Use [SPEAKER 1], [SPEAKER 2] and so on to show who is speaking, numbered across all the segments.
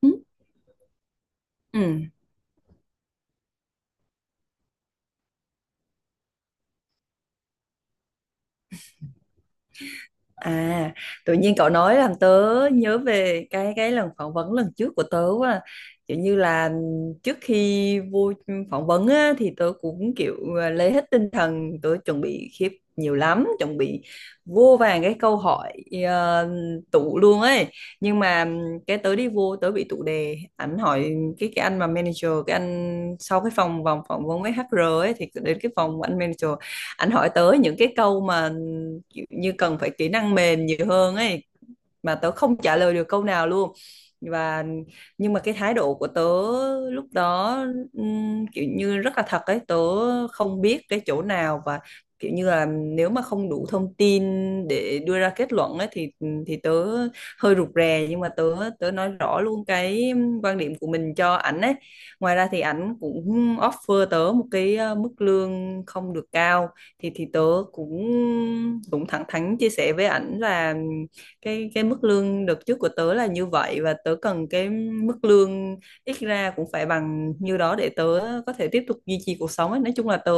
[SPEAKER 1] Ừ. Ừ. À, tự nhiên cậu nói làm tớ nhớ về cái lần phỏng vấn lần trước của tớ quá. Kiểu như là trước khi vô phỏng vấn á, thì tớ cũng kiểu lấy hết tinh thần, tớ chuẩn bị khiếp nhiều lắm, chuẩn bị vô vàng cái câu hỏi ờ, tụ luôn ấy. Nhưng mà cái tớ đi vô tớ bị tụ đề, ảnh hỏi cái anh mà manager, cái anh sau cái phòng vòng phỏng vấn với HR ấy thì đến cái phòng của anh manager, anh hỏi tới những cái câu mà như cần phải kỹ năng mềm nhiều hơn ấy mà tớ không trả lời được câu nào luôn. Và nhưng mà cái thái độ của tớ lúc đó kiểu như rất là thật ấy, tớ không biết cái chỗ nào và kiểu như là nếu mà không đủ thông tin để đưa ra kết luận ấy thì tớ hơi rụt rè, nhưng mà tớ tớ nói rõ luôn cái quan điểm của mình cho ảnh ấy. Ngoài ra thì ảnh cũng offer tớ một cái mức lương không được cao, thì tớ cũng cũng thẳng thắn chia sẻ với ảnh là cái mức lương đợt trước của tớ là như vậy, và tớ cần cái mức lương ít ra cũng phải bằng như đó để tớ có thể tiếp tục duy trì cuộc sống ấy. Nói chung là tớ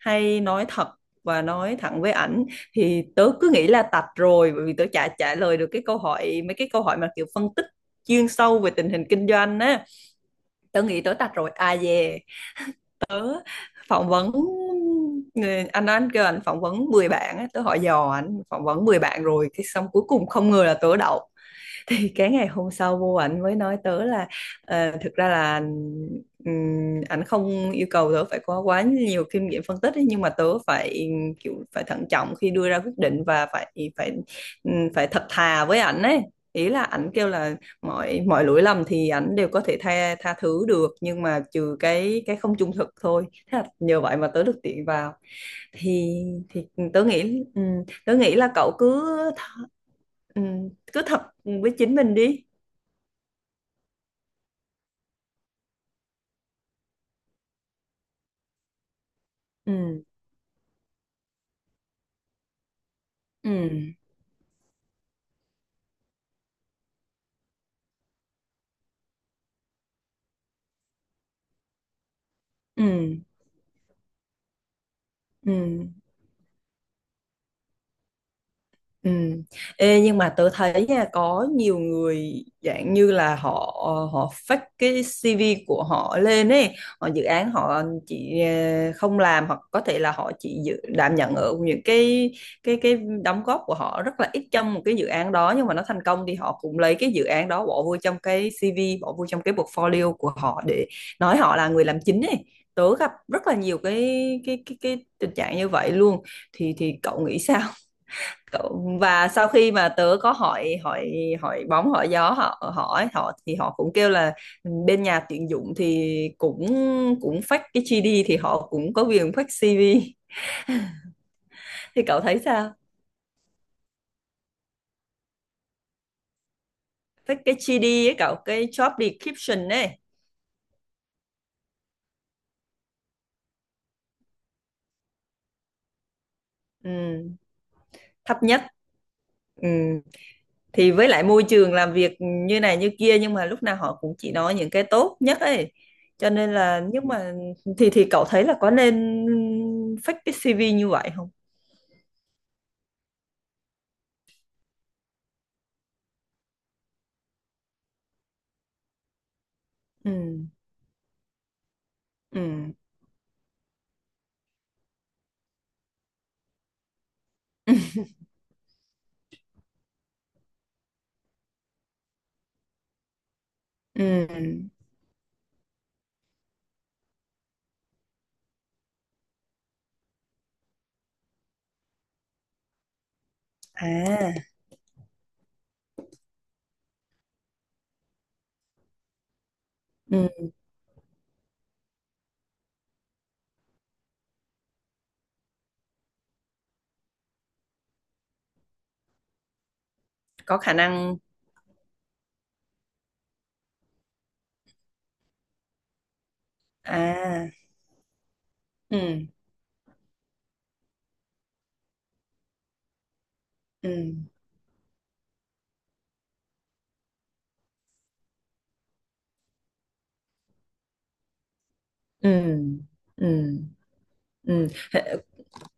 [SPEAKER 1] hay nói thật và nói thẳng với ảnh, thì tớ cứ nghĩ là tạch rồi bởi vì tớ chả trả lời được cái câu hỏi mấy cái câu hỏi mà kiểu phân tích chuyên sâu về tình hình kinh doanh á. Tớ nghĩ tớ tạch rồi. À về Tớ phỏng vấn người anh đó, anh kêu anh phỏng vấn 10 bạn á, tớ hỏi dò anh phỏng vấn 10 bạn rồi, cái xong cuối cùng không ngờ là tớ đậu. Thì cái ngày hôm sau vô ảnh mới nói tớ là thực ra là ảnh không yêu cầu tớ phải có quá nhiều kinh nghiệm phân tích ấy, nhưng mà tớ phải kiểu phải thận trọng khi đưa ra quyết định và phải phải phải thật thà với ảnh ấy. Ý là ảnh kêu là mọi mọi lỗi lầm thì ảnh đều có thể tha tha thứ được, nhưng mà trừ cái không trung thực thôi, thế là nhờ vậy mà tớ được tiện vào. Thì thì ừ, tớ nghĩ ừ, tớ nghĩ là cậu cứ th- ừ, cứ thật với chính mình đi. Ừ. Ừ. Ừ. Ừ. Ừ. Ê, nhưng mà tớ thấy nha, có nhiều người dạng như là họ họ fake cái CV của họ lên ấy, họ dự án họ chỉ không làm hoặc có thể là họ chỉ dự, đảm nhận ở những cái cái đóng góp của họ rất là ít trong một cái dự án đó, nhưng mà nó thành công thì họ cũng lấy cái dự án đó bỏ vô trong cái CV, bỏ vô trong cái portfolio của họ để nói họ là người làm chính ấy. Tớ gặp rất là nhiều cái tình trạng như vậy luôn. Thì cậu nghĩ sao? Và sau khi mà tớ có hỏi hỏi hỏi bóng hỏi gió, họ hỏi họ thì họ cũng kêu là bên nhà tuyển dụng thì cũng cũng fake cái GD thì họ cũng có quyền fake CV. Thì cậu thấy sao? Fake cái GD ấy cậu, cái job description ấy. Ừ, thấp nhất. Ừ. Thì với lại môi trường làm việc như này như kia, nhưng mà lúc nào họ cũng chỉ nói những cái tốt nhất ấy, cho nên là nhưng mà thì cậu thấy là có nên fake cái CV như vậy không? Ừ. Ừ. Ừ. Ừ. À. Ừ, có khả năng. À. Ừ. Ừ. Ừ. Ừ. Ừ.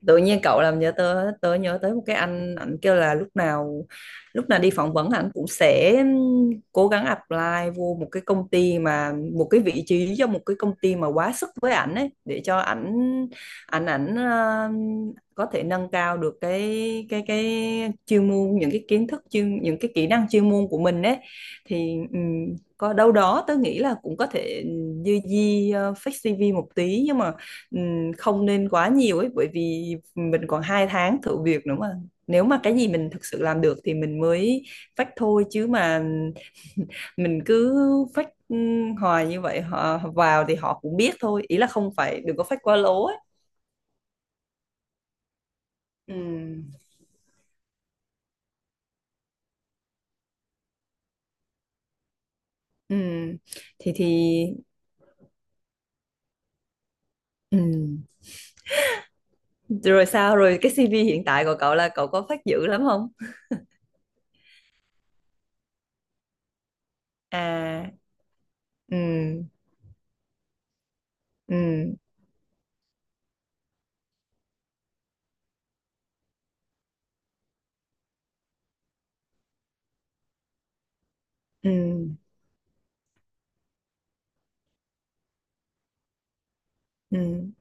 [SPEAKER 1] Tự nhiên cậu làm nhớ tới, tớ nhớ tới một cái anh, ảnh kêu là lúc nào đi phỏng vấn ảnh cũng sẽ cố gắng apply vô một cái công ty mà một cái vị trí cho một cái công ty mà quá sức với ảnh ấy để cho ảnh ảnh ảnh ờ, có thể nâng cao được cái chuyên môn, những cái kiến thức chuyên, những cái kỹ năng chuyên môn của mình ấy. Thì có đâu đó tớ nghĩ là cũng có thể dư di fake CV một tí, nhưng mà không nên quá nhiều ấy, bởi vì mình còn 2 tháng thử việc nữa mà, nếu mà cái gì mình thực sự làm được thì mình mới phách thôi, chứ mà mình cứ phách hoài như vậy họ vào thì họ cũng biết thôi, ý là không phải đừng có phách quá lố ấy. Ừm. Ừm. thì thì ừm. Rồi sao, rồi cái CV hiện tại của cậu là cậu có phách dữ lắm không? À. Ừ. Ừ. Ừ. Ừm.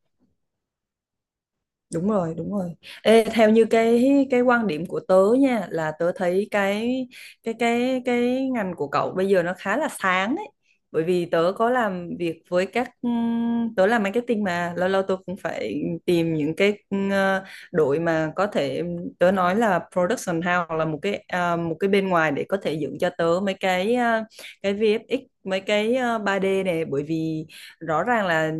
[SPEAKER 1] Đúng rồi, đúng rồi. Ê, theo như cái quan điểm của tớ nha, là tớ thấy cái ngành của cậu bây giờ nó khá là sáng ấy. Bởi vì tớ có làm việc với các tớ làm marketing mà lâu lâu tớ cũng phải tìm những cái đội mà có thể tớ nói là production house, hoặc là một cái một cái bên ngoài để có thể dựng cho tớ mấy cái cái VFX, mấy cái 3D này, bởi vì rõ ràng là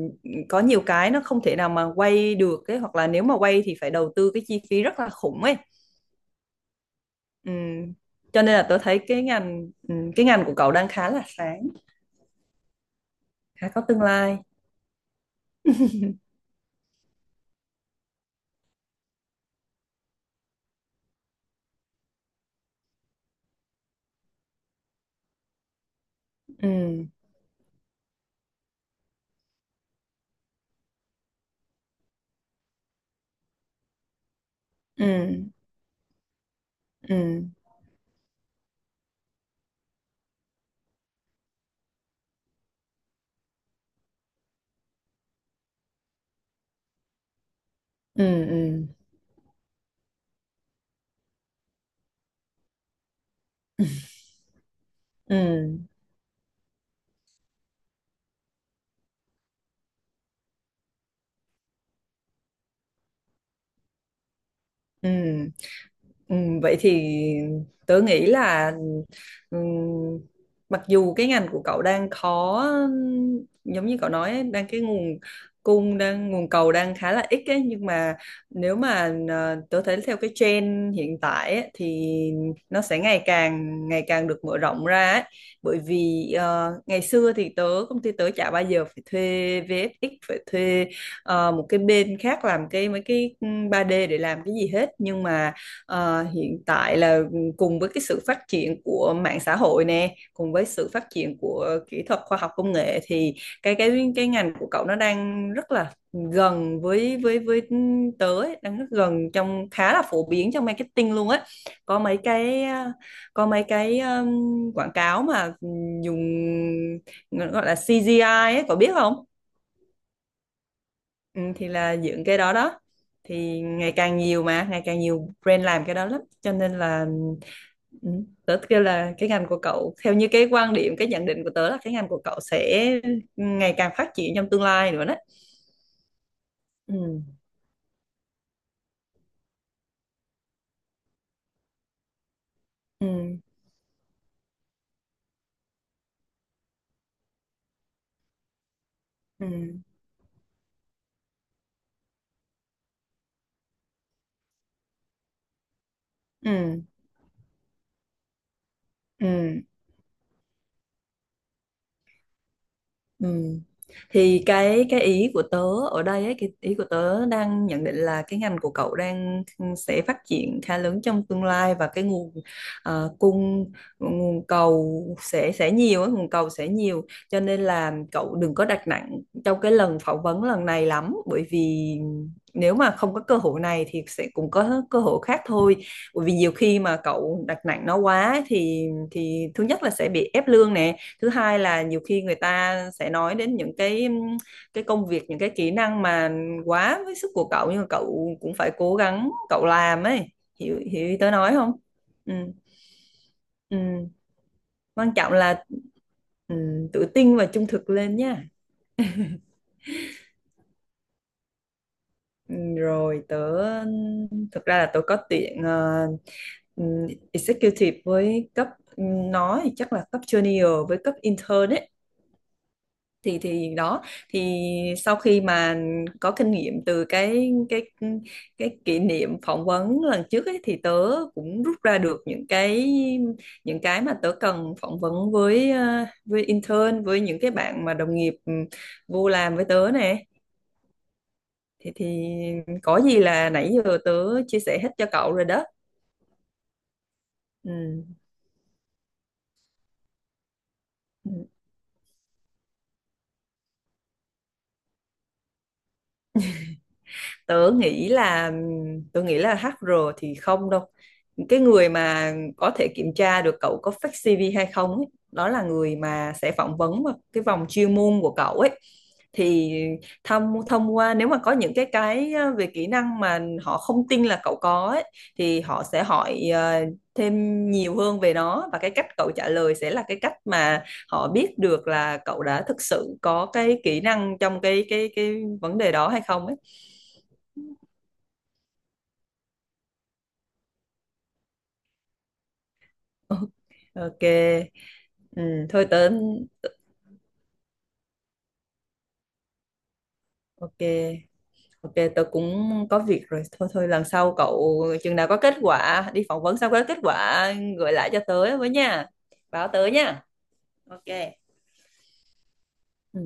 [SPEAKER 1] có nhiều cái nó không thể nào mà quay được ấy, hoặc là nếu mà quay thì phải đầu tư cái chi phí rất là khủng ấy. Ừm. Cho nên là tôi thấy cái ngành của cậu đang khá là sáng, khá có tương lai. Ừm. Ừm. Ừm. Ừm. Ừm. Ừm. Ừm. Ừ, vậy thì tớ nghĩ là ừm, mặc dù cái ngành của cậu đang khó, giống như cậu nói ấy, đang cái nguồn cung đang, nguồn cầu đang khá là ít ấy, nhưng mà nếu mà tớ thấy theo cái trend hiện tại ấy, thì nó sẽ ngày càng được mở rộng ra ấy. Bởi vì ngày xưa thì công ty tớ chả bao giờ phải thuê VFX, phải thuê một cái bên khác làm cái mấy cái ba d để làm cái gì hết, nhưng mà hiện tại là cùng với cái sự phát triển của mạng xã hội nè, cùng với sự phát triển của kỹ thuật khoa học công nghệ, thì cái ngành của cậu nó đang rất là gần với tớ ấy, đang rất gần trong, khá là phổ biến trong marketing luôn á. Có mấy cái ờ, có mấy cái quảng cáo mà dùng gọi là CGI ấy, cậu biết không? Ừ, thì là dựng cái đó đó, thì ngày càng nhiều mà ngày càng nhiều brand làm cái đó lắm cho nên là ừ, tớ kêu là cái ngành của cậu theo như cái quan điểm, cái nhận định của tớ là cái ngành của cậu sẽ ngày càng phát triển trong tương lai nữa đó. Ừ. Ừ. Ừ. Ừ. Ừ. Ừ. Ừ. Thì cái ý của tớ ở đây ấy, cái ý của tớ đang nhận định là cái ngành của cậu đang sẽ phát triển khá lớn trong tương lai, và cái nguồn cung, nguồn cầu sẽ nhiều ấy, nguồn cầu sẽ nhiều, cho nên là cậu đừng có đặt nặng trong cái lần phỏng vấn lần này lắm, bởi vì nếu mà không có cơ hội này thì sẽ cũng có cơ hội khác thôi. Bởi vì nhiều khi mà cậu đặt nặng nó quá ấy thì thứ nhất là sẽ bị ép lương nè, thứ hai là nhiều khi người ta sẽ nói đến những cái công việc, những cái kỹ năng mà quá với sức của cậu, nhưng mà cậu cũng phải cố gắng cậu làm ấy. Hiểu hiểu ý tớ nói không? Ừ. Ừ. Quan trọng là ừ, tự tin và trung thực lên nha. Ừ, rồi tớ, thực ra là tớ có tuyển ừ, executive với cấp nó thì chắc là cấp junior với cấp intern ấy. Thì đó thì sau khi mà có kinh nghiệm từ cái kỷ niệm phỏng vấn lần trước ấy, thì tớ cũng rút ra được những cái, những cái mà tớ cần phỏng vấn với với intern, với những cái bạn mà đồng nghiệp vô làm với tớ nè. Thì có gì là nãy giờ tớ chia sẻ hết cho cậu rồi đó. Ừ. Ừ. tớ nghĩ là Tớ nghĩ là hát HR thì không đâu. Cái người mà có thể kiểm tra được cậu có fake CV hay không ấy, đó là người mà sẽ phỏng vấn vào cái vòng chuyên môn của cậu ấy. Thì thông thông qua nếu mà có những cái về kỹ năng mà họ không tin là cậu có ấy, thì họ sẽ hỏi thêm nhiều hơn về nó, và cái cách cậu trả lời sẽ là cái cách mà họ biết được là cậu đã thực sự có cái kỹ năng trong cái vấn đề đó hay không ấy. Ok. Ừ, thôi tớ. Ok. Ok, tớ cũng có việc rồi. Thôi thôi, lần sau cậu chừng nào có kết quả đi phỏng vấn xong, có kết quả gửi lại cho tớ với nha, báo tớ nha. Ok. Ừ.